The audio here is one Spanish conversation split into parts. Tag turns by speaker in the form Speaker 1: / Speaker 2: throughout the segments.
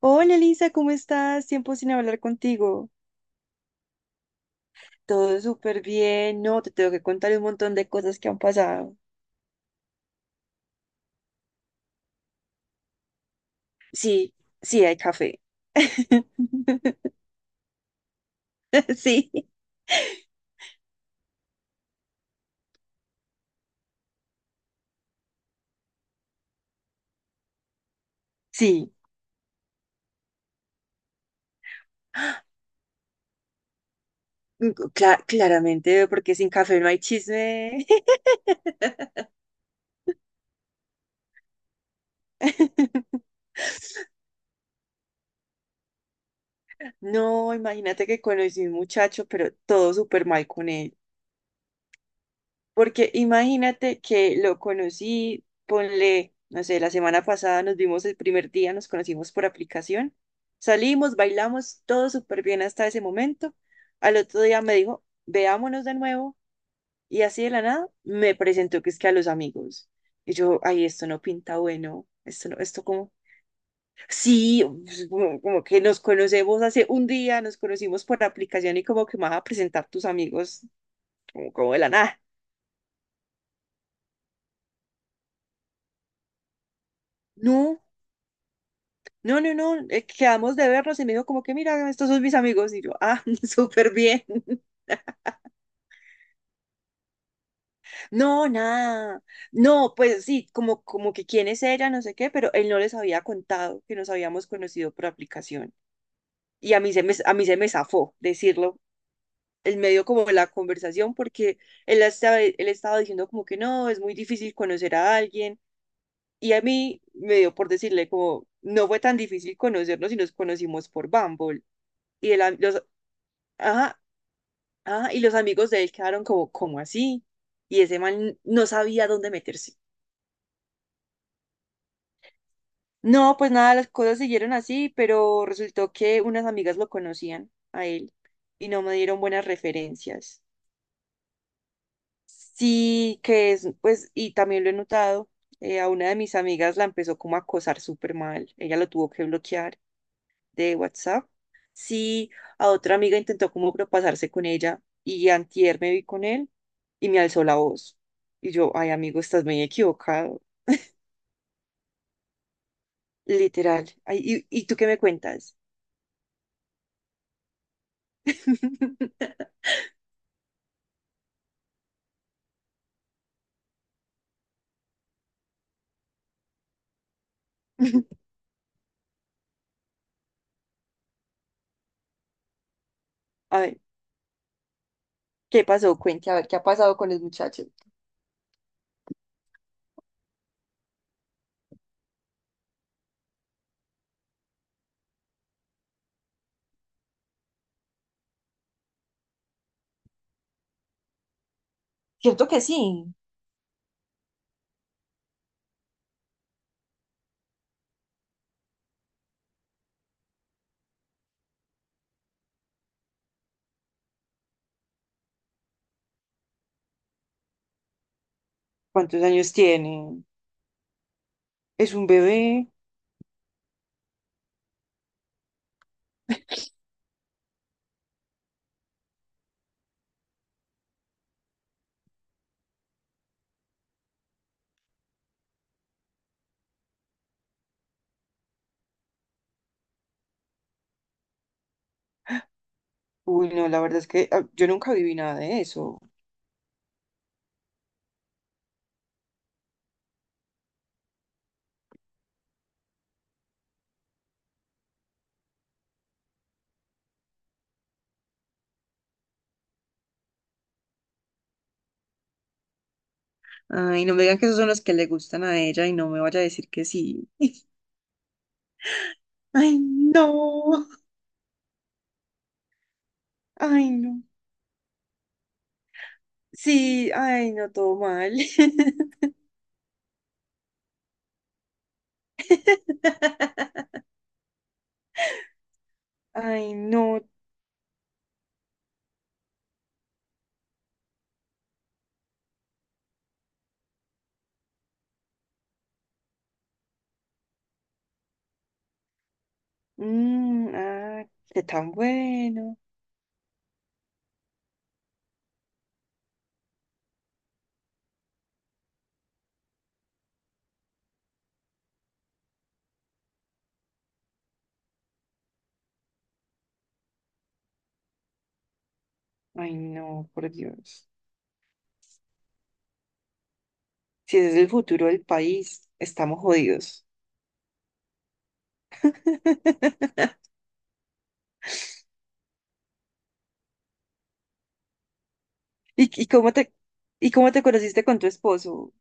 Speaker 1: Hola Elisa, ¿cómo estás? Tiempo sin hablar contigo. Todo súper bien, no, te tengo que contar un montón de cosas que han pasado. Sí, sí, hay café. Sí, sí, claramente, porque sin café no hay chisme. No, imagínate que conocí a un muchacho, pero todo súper mal con él. Porque imagínate que lo conocí, ponle, no sé, la semana pasada nos vimos el primer día, nos conocimos por aplicación, salimos, bailamos, todo súper bien hasta ese momento. Al otro día me dijo, veámonos de nuevo, y así de la nada me presentó que es que a los amigos. Y yo, ay, esto no pinta bueno, esto no, esto como, sí, pues, como, como que nos conocemos hace un día, nos conocimos por aplicación y como que me vas a presentar tus amigos, como, como de la nada. No, no, no, no, quedamos de vernos y me dijo como que mira, estos son mis amigos y yo, ah, súper bien. No, nada. No, pues sí, como, como que quién es ella, no sé qué, pero él no les había contado que nos habíamos conocido por aplicación. Y a mí se me zafó decirlo en medio como de la conversación porque él estaba diciendo como que no, es muy difícil conocer a alguien. Y a mí me dio por decirle como, no fue tan difícil conocernos y nos conocimos por Bumble. Y el, am- los, Ajá. Ah, y los amigos de él quedaron como, como así. Y ese man no sabía dónde meterse. No, pues nada, las cosas siguieron así, pero resultó que unas amigas lo conocían a él y no me dieron buenas referencias. Sí, que es, pues, y también lo he notado, a una de mis amigas la empezó como a acosar súper mal. Ella lo tuvo que bloquear de WhatsApp, sí, a otra amiga intentó como propasarse con ella y antier me vi con él y me alzó la voz. Y yo, ay, amigo, estás muy equivocado, literal. Ay, y tú qué me cuentas? A ver, ¿qué pasó? Cuente, a ver, ¿qué ha pasado con los muchachos? Cierto que sí. ¿Cuántos años tiene? ¿Es un bebé? Uy, no, la verdad es que yo nunca viví nada de eso. Ay, no me digan que esos son los que le gustan a ella y no me vaya a decir que sí. Ay, no. Ay, no. Sí, ay, no, todo mal. Ay, no. Mm, ah, qué tan bueno. Ay, no, por Dios. Si ese es el futuro del país, estamos jodidos. ¿Y, y cómo te conociste con tu esposo?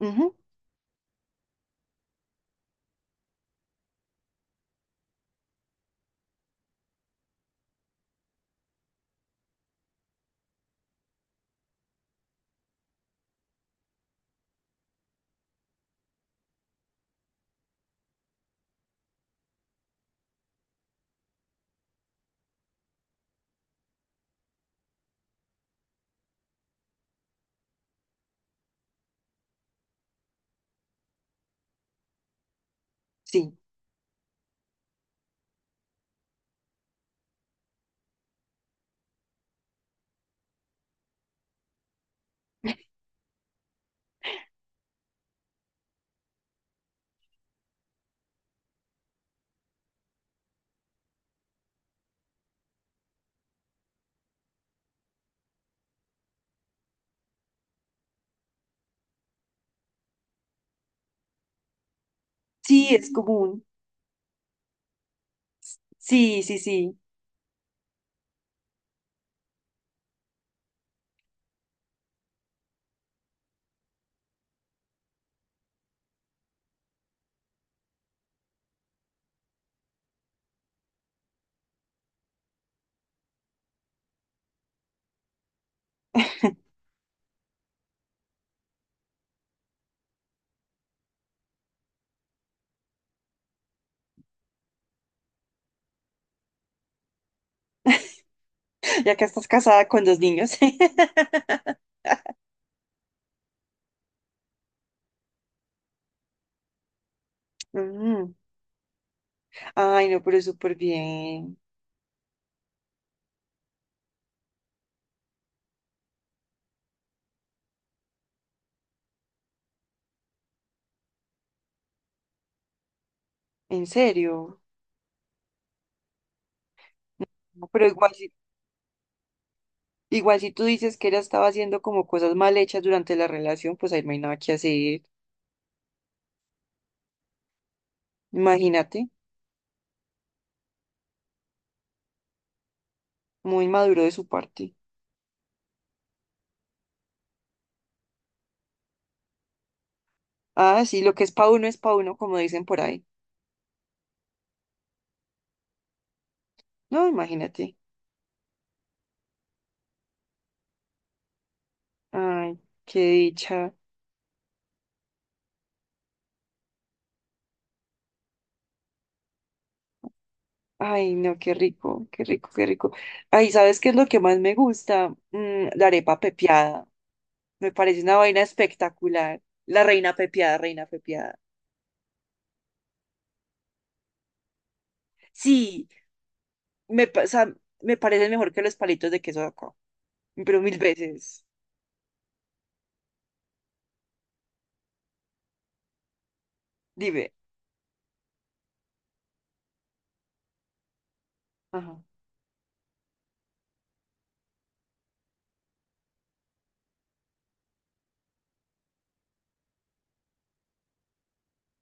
Speaker 1: Ujú, ujú. Sí, sí, es común. Sí, sí, sí. Ya que estás casada con dos niños. Mm. Ay, no, pero súper bien. En serio. No, pero igual si tú dices que ella estaba haciendo como cosas mal hechas durante la relación, pues ahí no hay nada que hacer. Imagínate. Muy maduro de su parte. Ah, sí, lo que es pa' uno, como dicen por ahí. No, imagínate. Ay, qué dicha. Ay, no, qué rico, qué rico, qué rico. Ay, ¿sabes qué es lo que más me gusta? Mm, la arepa pepiada. Me parece una vaina espectacular. La reina pepiada, reina pepiada. Sí, o sea, me parece mejor que los palitos de queso de acá, pero mil veces. Dime. Ajá.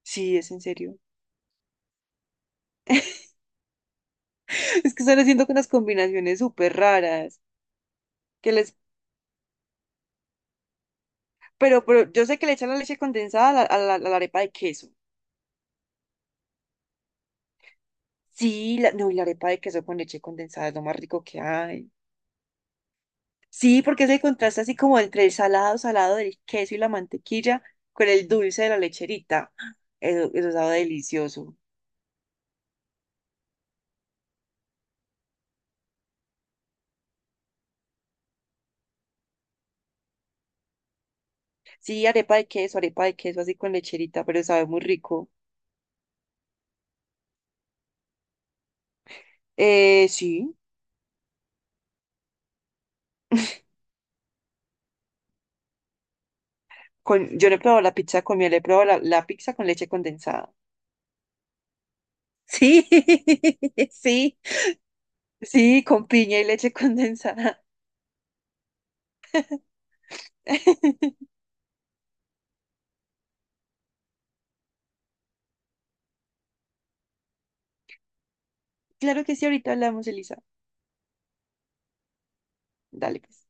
Speaker 1: Sí, es en serio. Es que están haciendo unas combinaciones súper raras que les... pero yo sé que le echan la leche condensada a a la arepa de queso. Sí, no, y la arepa de queso con leche condensada es lo más rico que hay. Sí, porque es el contraste así como entre el salado, salado del queso y la mantequilla con el dulce de la lecherita. Eso sabe delicioso. Sí, arepa de queso así con lecherita, pero sabe muy rico. Sí, con, yo no he probado la pizza con miel, he probado la pizza con leche condensada. Sí, sí. Sí, con piña y leche condensada. Claro que sí, ahorita hablamos, Elisa. Dale, pues.